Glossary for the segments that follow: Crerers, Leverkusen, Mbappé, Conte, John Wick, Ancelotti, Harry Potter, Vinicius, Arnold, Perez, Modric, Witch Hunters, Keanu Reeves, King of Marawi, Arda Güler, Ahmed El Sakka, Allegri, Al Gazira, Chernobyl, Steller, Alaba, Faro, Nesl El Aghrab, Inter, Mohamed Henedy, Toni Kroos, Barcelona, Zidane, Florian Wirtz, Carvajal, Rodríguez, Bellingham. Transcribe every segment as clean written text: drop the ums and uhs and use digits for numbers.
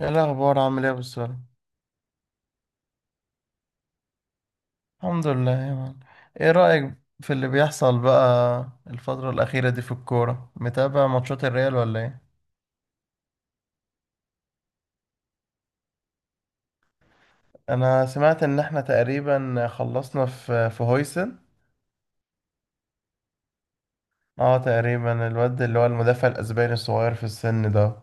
ايه الاخبار؟ عامل ايه يا أبو السلام؟ الحمد لله يا مان. ايه رايك في اللي بيحصل بقى الفتره الاخيره دي في الكوره؟ متابع ماتشات الريال ولا ايه؟ انا سمعت ان احنا تقريبا خلصنا في هويسن. اه تقريبا الواد اللي هو المدافع الاسباني الصغير في السن ده.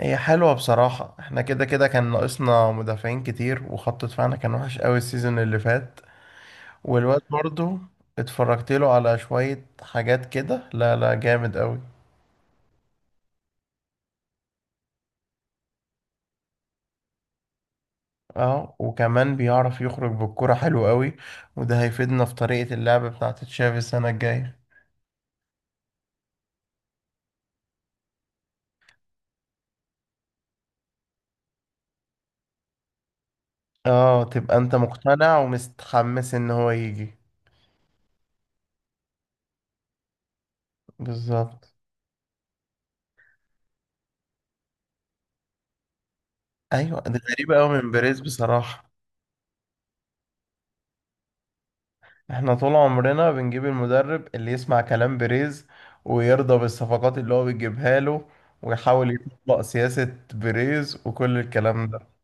هي حلوه بصراحه، احنا كده كده كان ناقصنا مدافعين كتير، وخط دفاعنا كان وحش قوي السيزون اللي فات. والواد برضو اتفرجت له على شويه حاجات كده، لا لا جامد قوي. اه وكمان بيعرف يخرج بالكرة حلو قوي، وده هيفيدنا في طريقة اللعب بتاعة تشافي السنة الجاية. اه تبقى انت مقتنع ومستحمس ان هو يجي؟ بالظبط. ايوه دي غريبة قوي من بيريز بصراحة. احنا طول عمرنا بنجيب المدرب اللي يسمع كلام بيريز، ويرضى بالصفقات اللي هو بيجيبها له، ويحاول يطبق سياسة بيريز وكل الكلام ده.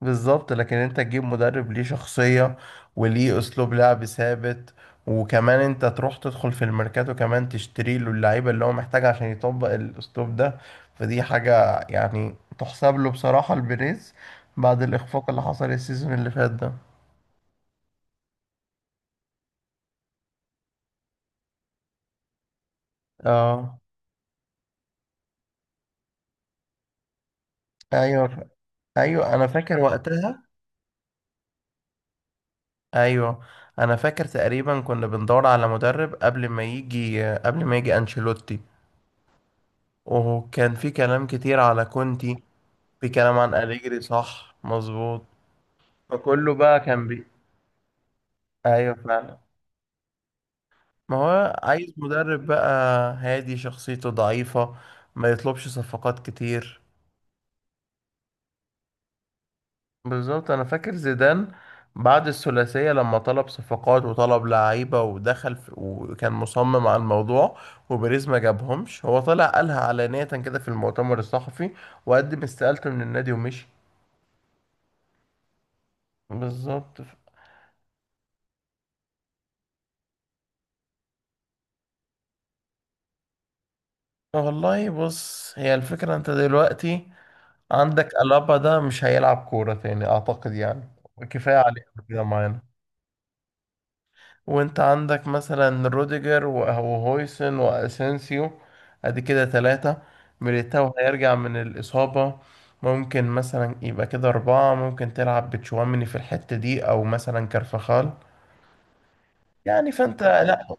بالظبط، لكن انت تجيب مدرب ليه شخصية وليه اسلوب لعب ثابت، وكمان انت تروح تدخل في الميركاتو كمان تشتري له اللعيبة اللي هو محتاجها عشان يطبق الاسلوب ده. فدي حاجة يعني تحسب له بصراحة البريز بعد الاخفاق اللي حصل السيزون اللي فات ده. اه. ايوه. ايوه انا فاكر وقتها. ايوه انا فاكر تقريبا كنا بندور على مدرب قبل ما يجي انشيلوتي. وكان في كلام كتير على كونتي. في كلام عن أليجري صح مظبوط. فكله بقى كان بي. أيوه فعلا. ما هو عايز مدرب بقى هادي، شخصيته ضعيفة، ما يطلبش صفقات كتير. بالظبط. أنا فاكر زيدان بعد الثلاثية لما طلب صفقات وطلب لعيبة ودخل في وكان مصمم على الموضوع، وبيريز ما جابهمش. هو طلع قالها علانية كده في المؤتمر الصحفي، وقدم استقالته من النادي ومشي. بالظبط. والله بص، هي الفكرة انت دلوقتي عندك ألابا ده مش هيلعب كورة تاني أعتقد يعني. كفاية عليه كده معانا. وانت عندك مثلا روديجر وهويسن وأسينسيو. ادي كده ثلاثة. ميليتاو هيرجع من الإصابة. ممكن مثلا يبقى كده أربعة. ممكن تلعب بتشواميني في الحتة دي أو مثلا كارفخال. يعني فانت لا،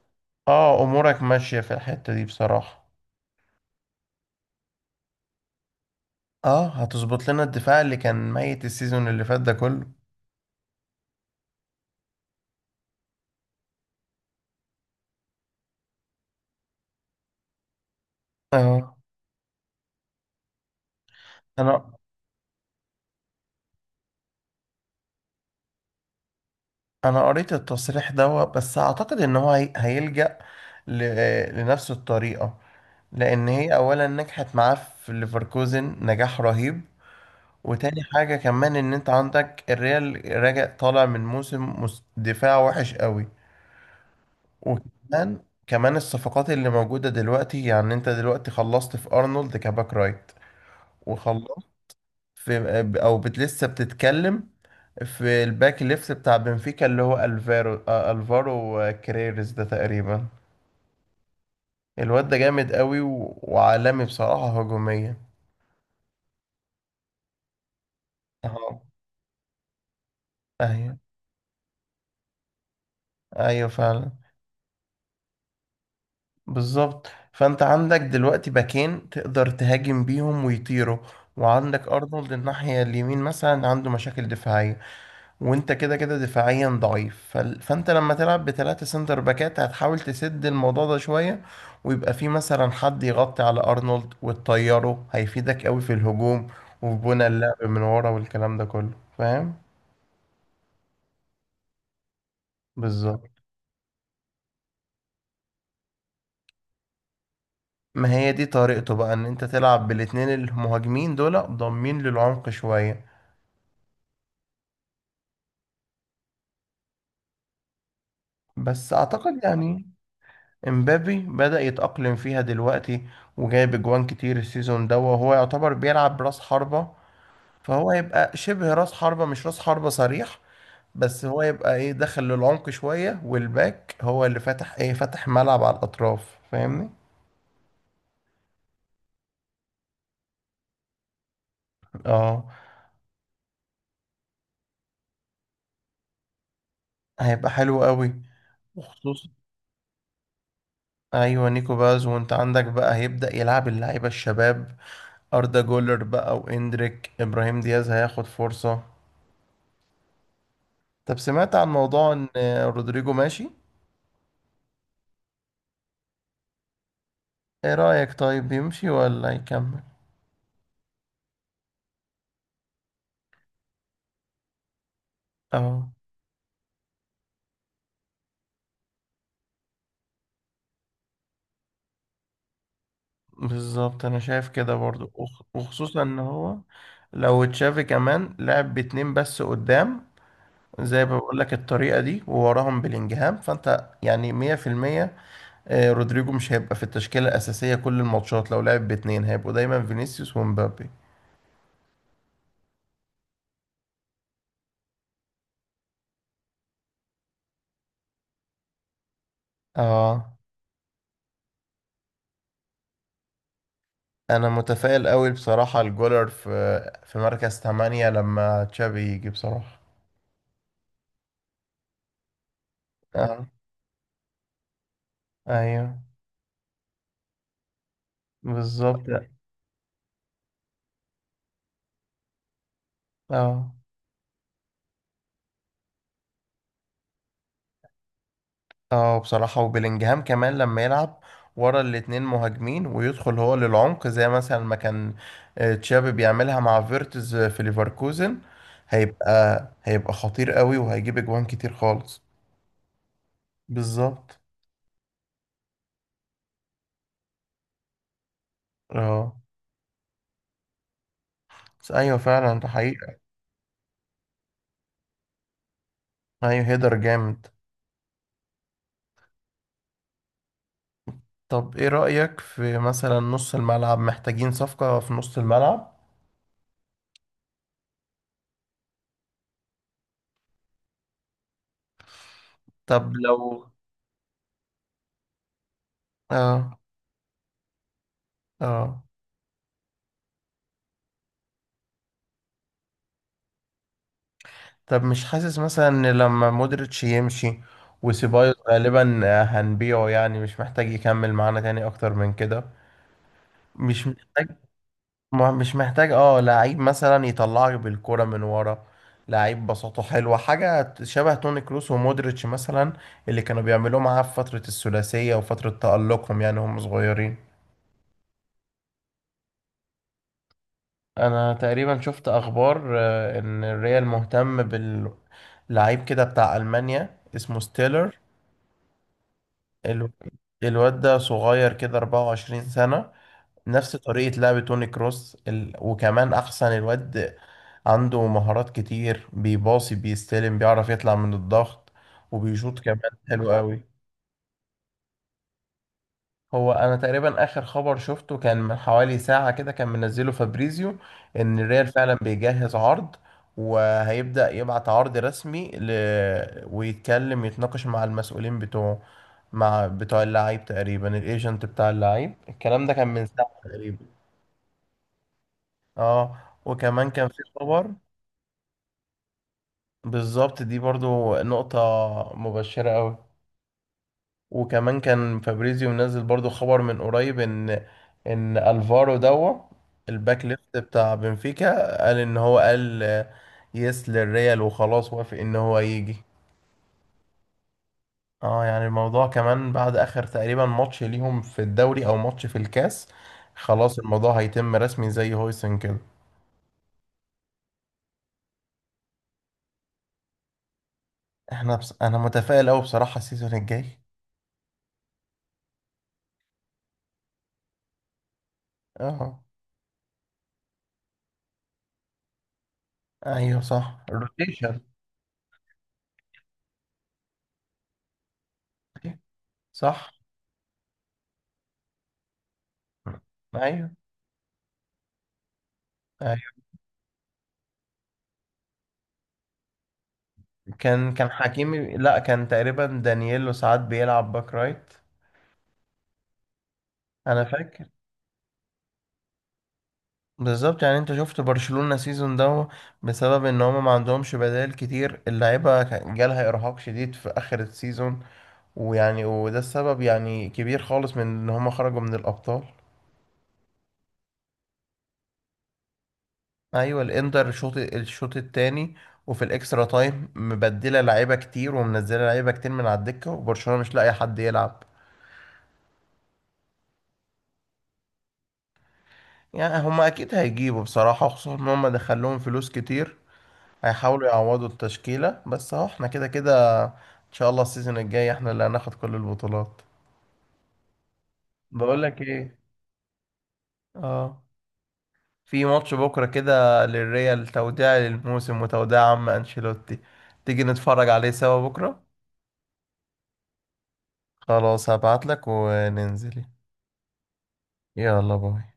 اه أمورك ماشية في الحتة دي بصراحة. اه هتظبط لنا الدفاع اللي كان ميت السيزون اللي فات ده كله. اه. انا انا قريت التصريح ده، بس اعتقد ان هو هيلجأ لنفس الطريقة، لان هي اولا نجحت معاه في ليفركوزن نجاح رهيب. وتاني حاجة كمان ان انت عندك الريال راجع طالع من موسم دفاع وحش قوي. وكمان كمان الصفقات اللي موجودة دلوقتي يعني انت دلوقتي خلصت في ارنولد كباك رايت، وخلصت في، او بت لسه بتتكلم، في الباك ليفت بتاع بنفيكا اللي هو الفارو، الفارو كريرز ده تقريبا. الواد ده جامد قوي، و... وعالمي بصراحة هجوميا. اهو. ايوه. ايوه فعلا. بالظبط. فانت عندك دلوقتي باكين تقدر تهاجم بيهم ويطيروا، وعندك ارنولد الناحية اليمين مثلا عنده مشاكل دفاعية، وانت كده كده دفاعيا ضعيف. فانت لما تلعب بثلاثة سنتر باكات هتحاول تسد الموضوع ده شوية، ويبقى في مثلا حد يغطي على ارنولد وتطيره هيفيدك قوي في الهجوم، وفي بنى اللعب من ورا والكلام ده كله. فاهم. بالظبط. ما هي دي طريقته بقى ان انت تلعب بالاتنين المهاجمين دول ضامين للعمق شوية. بس اعتقد يعني امبابي بدأ يتأقلم فيها دلوقتي، وجايب اجوان كتير السيزون ده، وهو يعتبر بيلعب براس حربة. فهو يبقى شبه راس حربة، مش راس حربة صريح. بس هو يبقى ايه، دخل للعمق شوية، والباك هو اللي فتح ايه، فتح ملعب على الأطراف. فاهمني. اه هيبقى حلو قوي، وخصوصا. ايوه نيكو باز، وانت عندك بقى هيبدأ يلعب اللعيبة الشباب، أردا جولر بقى، واندريك، إبراهيم دياز هياخد فرصة. طب سمعت عن موضوع ان رودريجو ماشي؟ ايه رأيك، طيب يمشي ولا يكمل؟ اه. بالظبط انا شايف كده برضو، وخصوصا ان هو، لو تشافي كمان لعب باتنين بس قدام زي ما بقول لك الطريقة دي، ووراهم بلينجهام، فانت يعني 100%. رودريجو مش هيبقى في التشكيلة الأساسية كل الماتشات. لو لعب باتنين هيبقوا دايما فينيسيوس ومبابي. اه انا متفائل قوي بصراحة الجولر في في مركز 8 لما تشافي يجي بصراحة. اه ايوه بالظبط. اه اه. بصراحة وبيلينجهام كمان لما يلعب ورا الاتنين مهاجمين ويدخل هو للعمق زي مثلا ما كان تشابي بيعملها مع فيرتز في ليفركوزن، هيبقى هيبقى خطير قوي وهيجيب اجوان كتير خالص. بالظبط. اه. بس ايوه فعلا ده حقيقة. ايوه هيدر جامد. طب ايه رأيك في مثلا نص الملعب؟ محتاجين صفقة في نص الملعب؟ طب لو، اه اه. طب مش حاسس مثلا ان لما مودريتش يمشي، وسيبايوس غالبا هنبيعه، يعني مش محتاج يكمل معانا تاني اكتر من كده. مش محتاج. مش محتاج، اه، لعيب مثلا يطلعك بالكرة من ورا. لعيب بساطته حلوة، حاجة شبه توني كروس ومودريتش مثلا، اللي كانوا بيعملوه معاه في فترة الثلاثية وفترة تألقهم يعني هم صغيرين. انا تقريبا شفت اخبار، ان الريال مهتم بال، لعيب كده بتاع ألمانيا اسمه ستيلر. الو- الواد ده صغير كده، 24 سنة. نفس طريقة لعب توني كروس، ال... وكمان أحسن الواد عنده مهارات كتير، بيباصي بيستلم بيعرف يطلع من الضغط، وبيشوط كمان حلو قوي. هو انا تقريبا اخر خبر شفته كان من حوالي ساعة كده، كان منزله فابريزيو ان الريال فعلا بيجهز عرض، وهيبدأ يبعت عرض رسمي، ل... ويتكلم يتناقش مع المسؤولين بتوعه، مع بتوع اللعيب تقريبا الايجنت بتاع اللعيب. الكلام ده كان من ساعة تقريبا. اه. وكمان كان في خبر. بالظبط دي برضو نقطة مبشرة قوي. وكمان كان فابريزيو منزل برضو خبر من قريب ان، ان الفارو دوا الباك ليفت بتاع بنفيكا، قال ان هو قال يس للريال، وخلاص وافق ان هو يجي. اه يعني الموضوع كمان بعد اخر تقريبا ماتش ليهم في الدوري او ماتش في الكاس، خلاص الموضوع هيتم رسمي زي هويسن كده. احنا بس انا متفائل قوي بصراحة السيزون الجاي. اه. ايوه صح روتيشن. صح. ايوه. كان حكيمي، لا كان تقريبا دانييلو ساعات بيلعب باك رايت. انا فاكر. بالظبط. يعني انت شفت برشلونة سيزون ده، بسبب ان هما ما عندهمش بدائل كتير، اللعيبة كان جالها ارهاق شديد في اخر السيزون. ويعني وده السبب يعني كبير خالص من ان هما خرجوا من الابطال. ايوه الانتر، الشوط التاني وفي الاكسترا تايم مبدله لعيبه كتير ومنزله لعيبه كتير من على الدكه، وبرشلونه مش لاقي حد يلعب. يعني هما اكيد هيجيبوا بصراحه، خصوصا ان هما دخلهم فلوس كتير، هيحاولوا يعوضوا التشكيلة. بس اهو احنا كده كده ان شاء الله السيزون الجاي احنا اللي هناخد كل البطولات. بقول لك ايه. اه. في ماتش بكرة كده للريال، توديع للموسم وتوديع عم انشيلوتي، تيجي نتفرج عليه سوا بكرة؟ خلاص هبعت لك وننزل. يلا باي.